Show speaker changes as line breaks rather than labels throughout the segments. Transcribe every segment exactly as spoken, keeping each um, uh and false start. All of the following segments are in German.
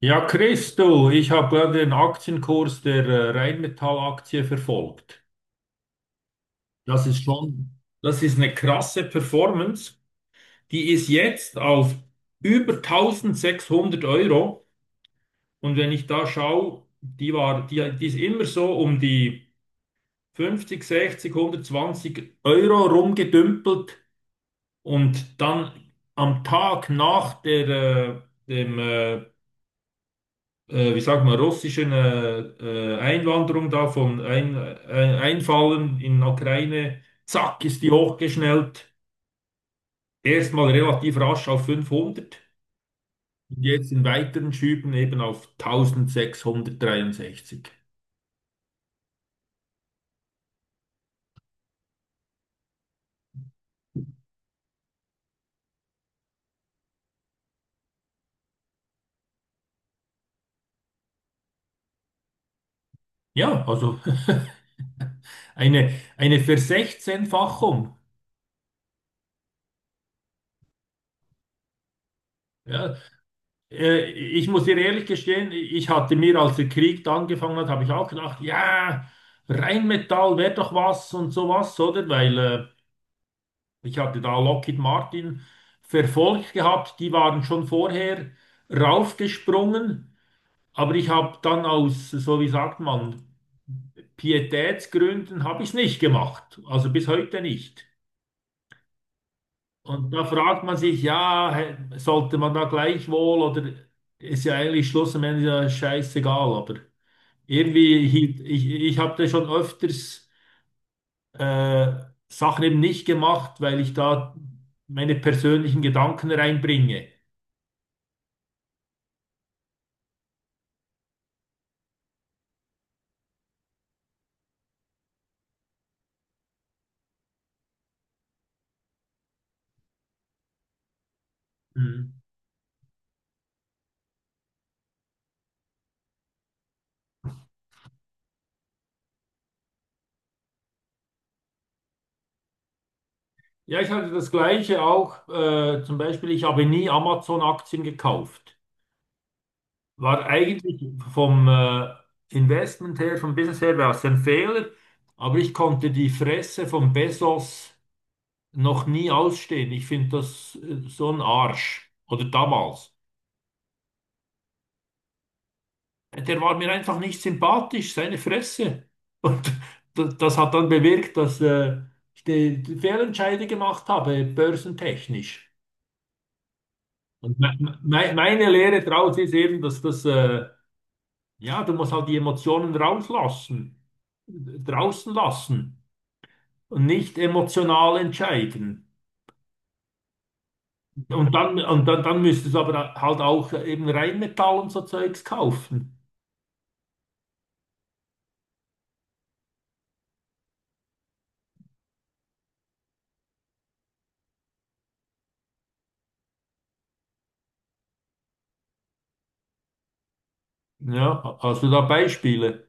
Ja, Christo, ich habe gerade den Aktienkurs der äh, Rheinmetall-Aktie verfolgt. Das ist schon, das ist eine krasse Performance. Die ist jetzt auf über tausendsechshundert Euro. Und wenn ich da schaue, die war, die, die ist immer so um die fünfzig, sechzig, hundertzwanzig Euro rumgedümpelt. Und dann am Tag nach der, äh, dem äh, äh, wie sagt man, russischen äh, äh, Einwanderung da von ein, äh, Einfallen in der Ukraine, zack, ist die hochgeschnellt. Erstmal relativ rasch auf fünfhundert und jetzt in weiteren Schüben eben auf eintausendsechshundertdreiundsechzig. Ja, also eine, eine Versechzehnfachung. Ja, äh, ich muss dir ehrlich gestehen, ich hatte mir, als der Krieg da angefangen hat, habe ich auch gedacht, ja, Rheinmetall wäre doch was und sowas, oder? Weil äh, ich hatte da Lockheed Martin verfolgt gehabt, die waren schon vorher raufgesprungen, aber ich habe dann aus, so wie sagt man, Pietätsgründen habe ich es nicht gemacht, also bis heute nicht. Und da fragt man sich, ja, hä- sollte man da gleichwohl oder ist ja eigentlich Schluss am Ende ja scheißegal, aber irgendwie hielt ich, ich habe da schon öfters äh, Sachen eben nicht gemacht, weil ich da meine persönlichen Gedanken reinbringe. Mhm. Ja, ich hatte das Gleiche auch. Äh, zum Beispiel, ich habe nie Amazon-Aktien gekauft. War eigentlich vom äh, Investment her, vom Business her, war es ein Fehler. Aber ich konnte die Fresse von Bezos noch nie ausstehen. Ich finde das äh, so ein Arsch. Oder damals. Der war mir einfach nicht sympathisch, seine Fresse. Und d- das hat dann bewirkt, dass äh, ich die die Fehlentscheide gemacht habe, börsentechnisch. Und me me meine Lehre daraus ist eben, dass das, äh, ja, du musst halt die Emotionen rauslassen, draußen lassen und nicht emotional entscheiden. Und dann, und dann, dann müsstest du aber halt auch eben Rheinmetall und so Zeugs kaufen. Ja, hast du da Beispiele?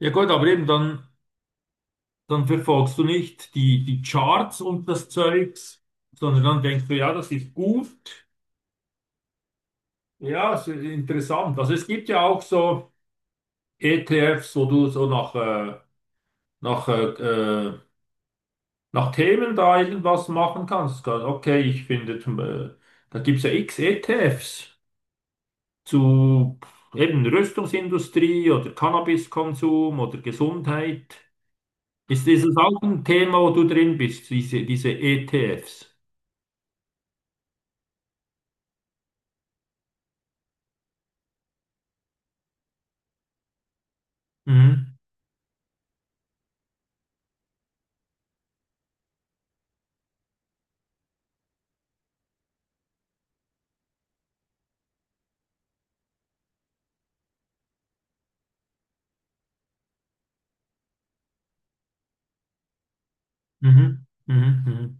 Ja gut, aber eben dann, dann verfolgst du nicht die, die Charts und das Zeugs, sondern dann denkst du, ja, das ist gut, ja, es ist interessant. Also es gibt ja auch so E T Fs, wo du so nach, äh, nach, äh, äh, nach Themen da irgendwas machen kannst. Kann- Okay, ich finde, zum, äh, da gibt es ja x E T Fs zu eben Rüstungsindustrie oder Cannabiskonsum oder Gesundheit. Ist dieses auch ein Thema, wo du drin bist, diese, diese E T Fs? Mhm, mhm, mhm, mhm.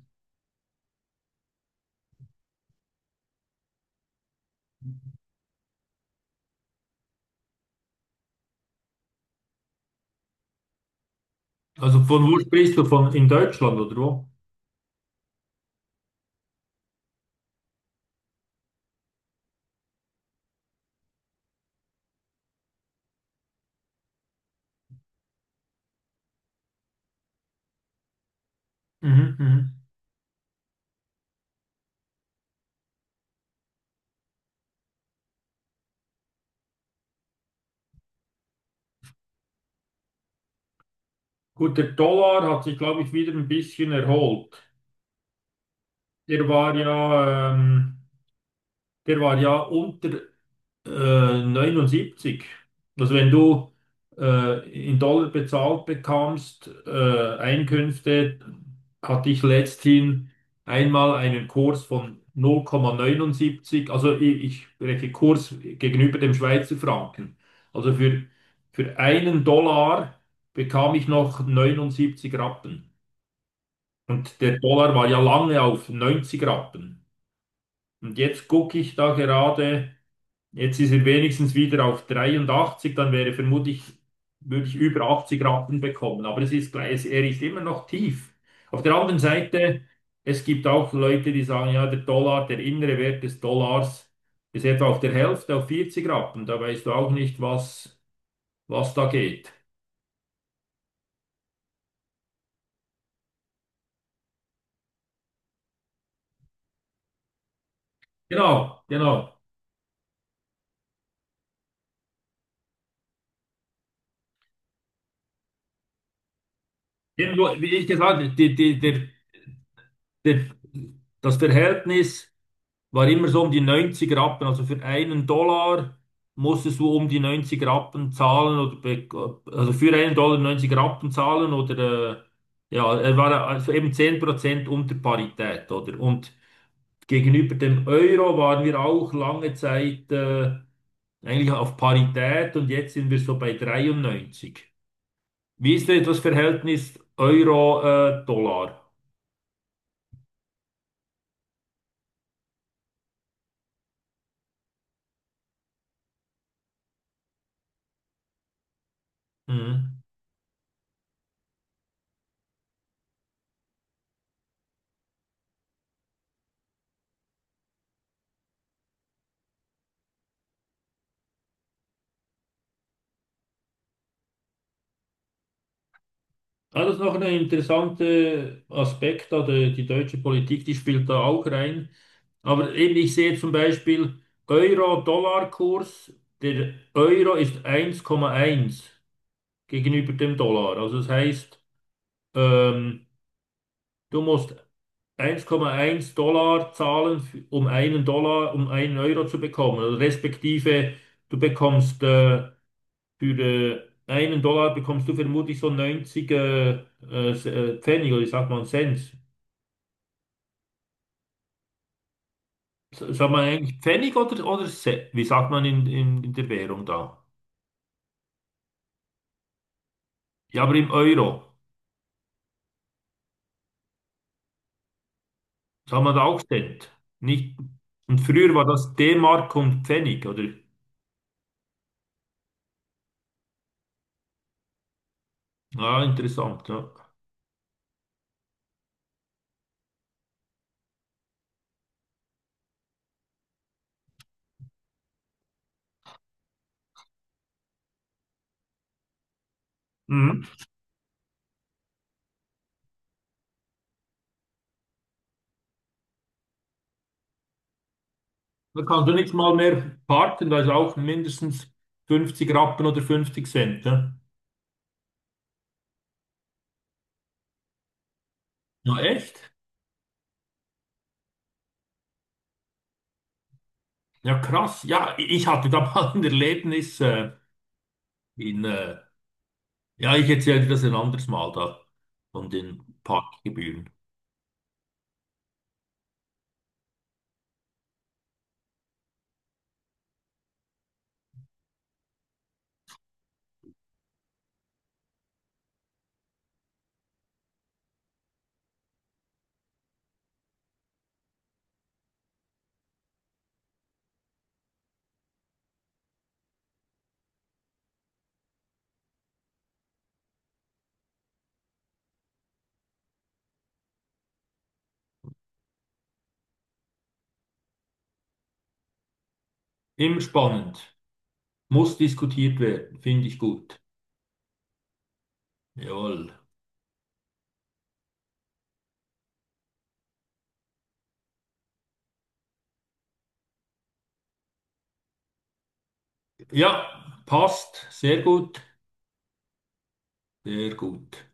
Also von wo sprichst du? Von in Deutschland oder wo? Mhm, mhm. Gut, der Dollar hat sich, glaube ich, wieder ein bisschen erholt. Der war ja, ähm, der war ja unter äh, neunundsiebzig. Also wenn du äh, in Dollar bezahlt bekommst, äh, Einkünfte, hatte ich letzthin einmal einen Kurs von null Komma neunundsiebzig. Also ich, ich spreche Kurs gegenüber dem Schweizer Franken. Also für, für einen Dollar bekam ich noch neunundsiebzig Rappen. Und der Dollar war ja lange auf neunzig Rappen. Und jetzt gucke ich da gerade, jetzt ist er wenigstens wieder auf dreiundachtzig, dann wäre vermutlich, würde ich über achtzig Rappen bekommen. Aber es ist gleich, er ist immer noch tief. Auf der anderen Seite, es gibt auch Leute, die sagen, ja, der Dollar, der innere Wert des Dollars ist etwa auf der Hälfte, auf vierzig Rappen. Da weißt du auch nicht, was, was da geht. Genau, genau. Irgendwo, wie ich gesagt habe, die, die, der, der, das Verhältnis. War immer so um die neunzig Rappen. Also für einen Dollar musstest du um die neunzig Rappen zahlen oder be- also für einen Dollar neunzig Rappen zahlen oder äh, ja, er war also eben zehn Prozent unter Parität, oder? Und gegenüber dem Euro waren wir auch lange Zeit äh, eigentlich auf Parität und jetzt sind wir so bei dreiundneunzig. Wie ist denn das Verhältnis Euro-Dollar? Ja, das ist noch ein interessanter Aspekt, da die, die deutsche Politik, die spielt da auch rein. Aber eben, ich sehe zum Beispiel Euro-Dollar-Kurs, der Euro ist eins Komma eins gegenüber dem Dollar. Also das heißt, ähm, du musst eins Komma eins Dollar zahlen, f- um einen Dollar, um einen Euro zu bekommen. Also respektive, du bekommst äh, für äh, einen Dollar bekommst du vermutlich so neunzig äh, äh, Pfennig oder ich sag mal Cent. Sagt man eigentlich Pfennig oder, oder Se- wie sagt man in, in, in der Währung da? Ja, aber im Euro sagt man da auch Cent. Nicht, und früher war das D-Mark und Pfennig, oder? Ja, interessant, ja. Mhm. Da kannst du nicht mal mehr parken, da ist auch mindestens fünfzig Rappen oder fünfzig Cent, ne? Ja, echt? Ja, krass. Ja, i- ich hatte da mal ein Erlebnis äh, in, äh, ja, ich erzähle dir das ein anderes Mal da, von den Parkgebühren. Immer spannend. Muss diskutiert werden, finde ich gut. Jawohl. Ja, passt. Sehr gut. Sehr gut.